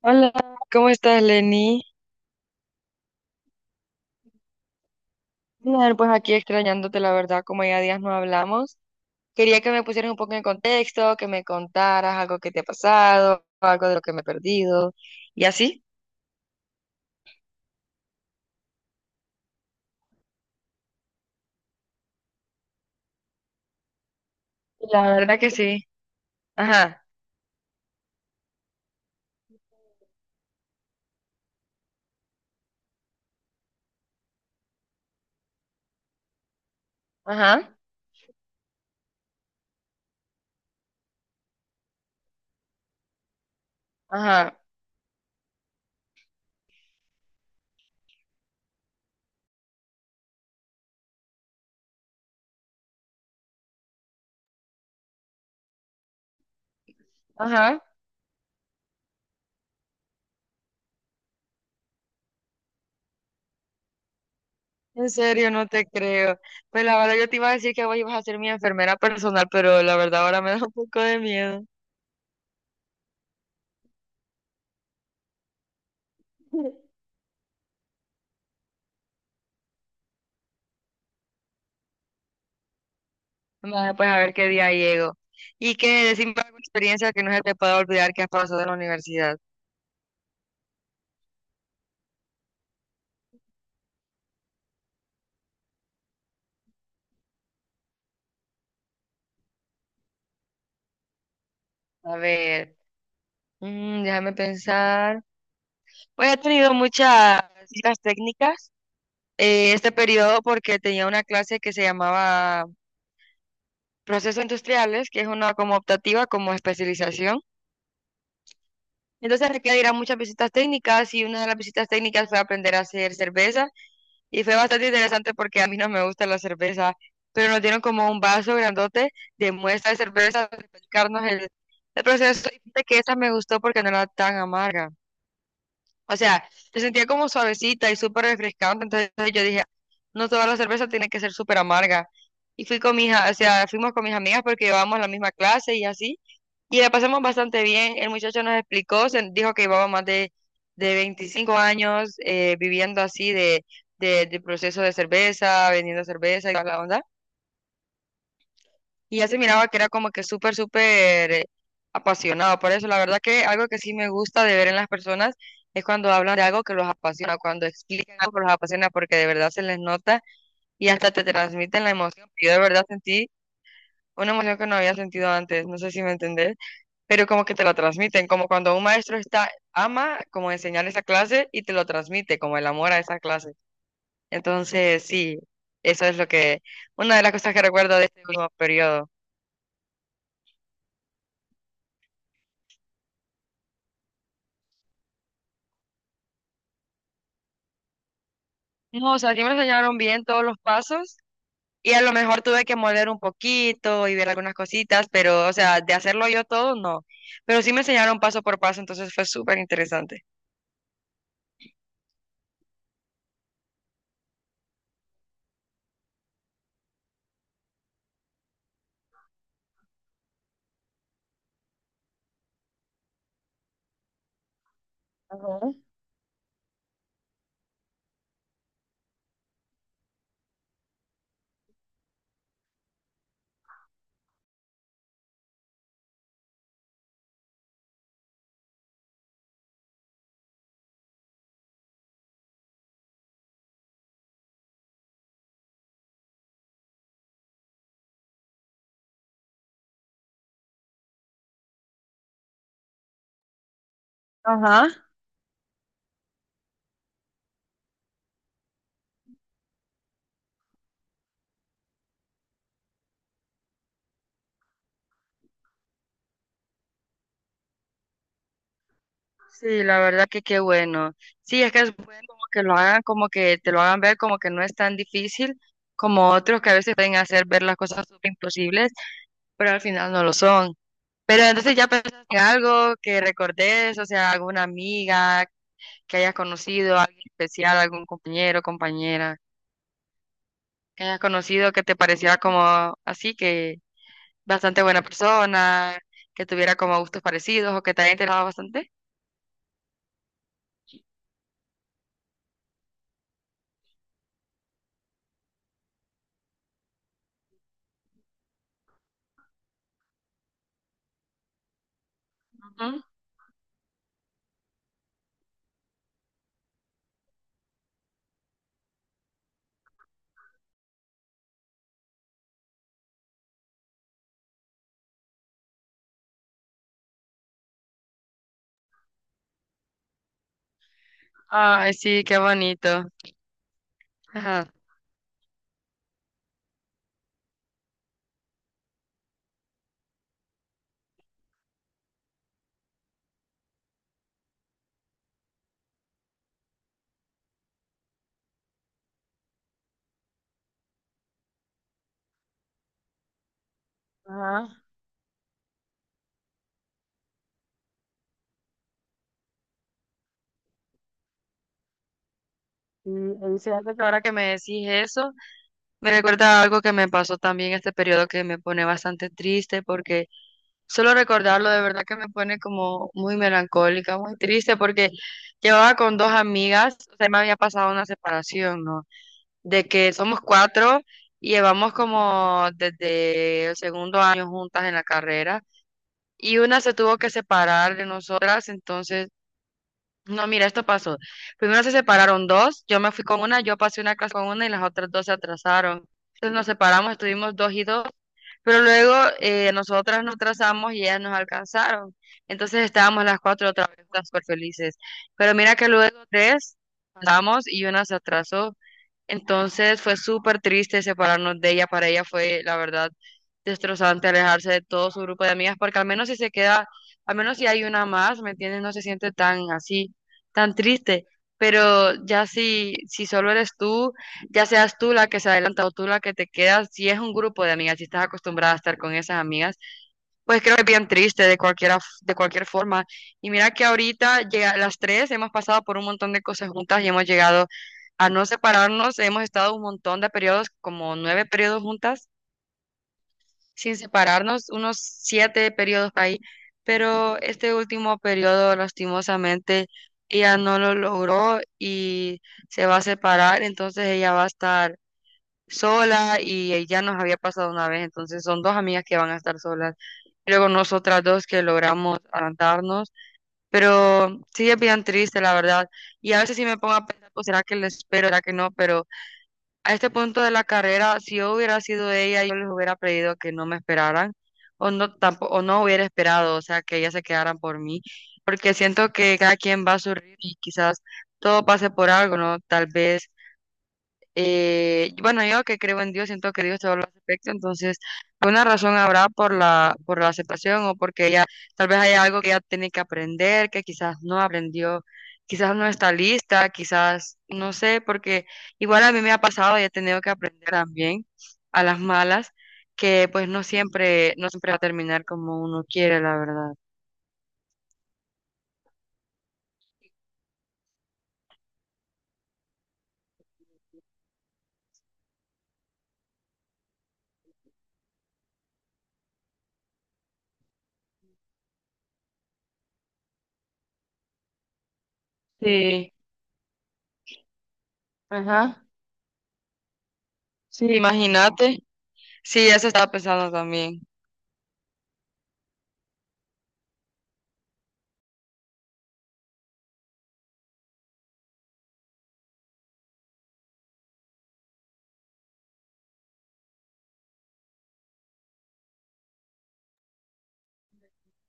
Hola, ¿cómo estás, Lenny? Bien, pues aquí extrañándote, la verdad, como ya días no hablamos. Quería que me pusieras un poco en contexto, que me contaras algo que te ha pasado, algo de lo que me he perdido, y así. La verdad que sí. Ajá, ajá, ajá, ajá. En serio, no te creo. Pues la verdad, yo te iba a decir que vos ibas a ser mi enfermera personal, pero la verdad ahora me da un poco de miedo. Vaya, pues a ver qué día llego. Y que decime alguna experiencia que no se te pueda olvidar que has pasado en la universidad. A ver. Mm, déjame pensar. Pues he tenido muchas las técnicas este periodo porque tenía una clase que se llamaba Procesos Industriales, que es una como optativa, como especialización. Entonces requiere ir a muchas visitas técnicas y una de las visitas técnicas fue aprender a hacer cerveza y fue bastante interesante porque a mí no me gusta la cerveza, pero nos dieron como un vaso grandote de muestra de cerveza para explicarnos el proceso y fíjate que esa me gustó porque no era tan amarga. O sea, se sentía como suavecita y súper refrescante. Entonces yo dije, no toda la cerveza tiene que ser súper amarga. Y fui con mis, o sea, fuimos con mis amigas porque llevábamos la misma clase y así. Y la pasamos bastante bien. El muchacho nos explicó, se dijo que llevaba más de 25 años viviendo así de proceso de cerveza, vendiendo cerveza y toda la onda. Y ya se miraba que era como que súper, súper apasionado por eso. La verdad que algo que sí me gusta de ver en las personas es cuando hablan de algo que los apasiona, cuando explican algo que los apasiona, porque de verdad se les nota y hasta te transmiten la emoción. Yo de verdad sentí una emoción que no había sentido antes, no sé si me entendés, pero como que te lo transmiten, como cuando un maestro está, ama como enseñar esa clase y te lo transmite, como el amor a esa clase. Entonces, sí, eso es lo que, una de las cosas que recuerdo de este último periodo. No, o sea, sí me enseñaron bien todos los pasos y a lo mejor tuve que moler un poquito y ver algunas cositas, pero, o sea, de hacerlo yo todo, no. Pero sí me enseñaron paso por paso, entonces fue súper interesante. Ajá. Sí, la verdad que qué bueno. Sí, es que es bueno como que lo hagan, como que te lo hagan ver como que no es tan difícil como otros que a veces pueden hacer ver las cosas súper imposibles, pero al final no lo son. Pero entonces ya pensaste en algo que recordes, o sea, alguna amiga que hayas conocido, alguien especial, algún compañero, compañera, que hayas conocido que te pareciera como así, que bastante buena persona, que tuviera como gustos parecidos o que te haya interesado bastante. Ujú. Ay, sí, qué bonito. Ajá. Ajá. Y fíjate que ahora que me decís eso, me recuerda a algo que me pasó también este periodo que me pone bastante triste porque solo recordarlo de verdad que me pone como muy melancólica, muy triste, porque llevaba con dos amigas, o sea, me había pasado una separación, ¿no? De que somos cuatro y llevamos como desde el segundo año juntas en la carrera y una se tuvo que separar de nosotras, entonces... No, mira, esto pasó. Primero se separaron dos, yo me fui con una, yo pasé una clase con una y las otras dos se atrasaron. Entonces nos separamos, estuvimos dos y dos, pero luego nosotras nos atrasamos y ellas nos alcanzaron. Entonces estábamos las cuatro otra vez todas súper felices. Pero mira que luego tres andamos y una se atrasó. Entonces fue súper triste separarnos de ella. Para ella fue, la verdad, destrozante alejarse de todo su grupo de amigas, porque al menos si se queda, al menos si hay una más, ¿me entiendes? No se siente tan así, tan triste. Pero ya si solo eres tú, ya seas tú la que se adelanta o tú la que te quedas, si es un grupo de amigas, si estás acostumbrada a estar con esas amigas, pues creo que es bien triste de cualquiera, de cualquier forma. Y mira que ahorita llega, las tres hemos pasado por un montón de cosas juntas y hemos llegado a no separarnos. Hemos estado un montón de periodos, como nueve periodos juntas, sin separarnos, unos siete periodos ahí. Pero este último periodo, lastimosamente, ella no lo logró y se va a separar. Entonces ella va a estar sola y ya nos había pasado una vez, entonces son dos amigas que van a estar solas. Y luego nosotras dos que logramos adelantarnos, pero sí es bien triste, la verdad. Y a veces sí me pongo a pensar, pues será que le espero, será que no, pero a este punto de la carrera, si yo hubiera sido ella, yo les hubiera pedido que no me esperaran o no, tampoco, o no hubiera esperado, o sea, que ellas se quedaran por mí, porque siento que cada quien va a su ritmo y quizás todo pase por algo, ¿no? Tal vez bueno, yo que creo en Dios, siento que Dios todo lo aspecto, entonces una razón habrá por por la aceptación o porque ella tal vez haya algo que ella tiene que aprender, que quizás no aprendió, quizás no está lista, quizás no sé, porque igual a mí me ha pasado y he tenido que aprender también a las malas, que pues no siempre, no siempre va a terminar como uno quiere, la verdad. Sí, ajá, sí, imagínate, sí, eso estaba pensando también.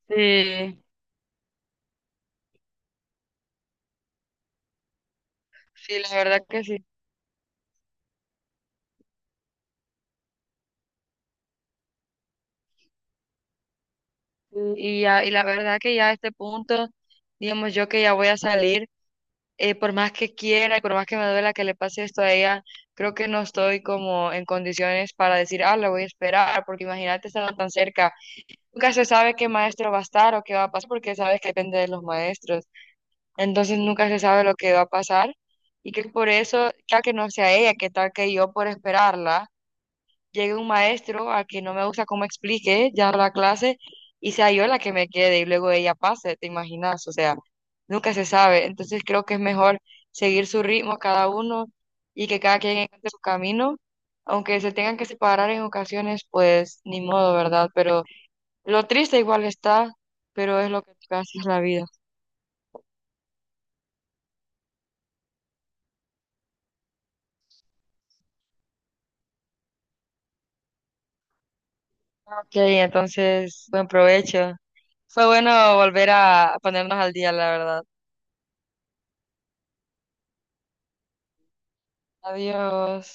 Sí. Sí, la verdad que sí. Ya, y la verdad que ya a este punto, digamos yo que ya voy a salir, por más que quiera y por más que me duela que le pase esto a ella, creo que no estoy como en condiciones para decir, ah, la voy a esperar, porque imagínate estando tan cerca. Nunca se sabe qué maestro va a estar o qué va a pasar, porque sabes que depende de los maestros. Entonces nunca se sabe lo que va a pasar. Y que por eso, ya que no sea ella, que tal que yo por esperarla llegue un maestro a que no me gusta cómo explique ya la clase y sea yo la que me quede y luego ella pase, ¿te imaginas? O sea, nunca se sabe. Entonces creo que es mejor seguir su ritmo cada uno y que cada quien encuentre su camino, aunque se tengan que separar en ocasiones, pues ni modo, ¿verdad? Pero lo triste igual está, pero es lo que casi es la vida. Ok, entonces, buen provecho. Fue bueno volver a ponernos al día, la verdad. Adiós.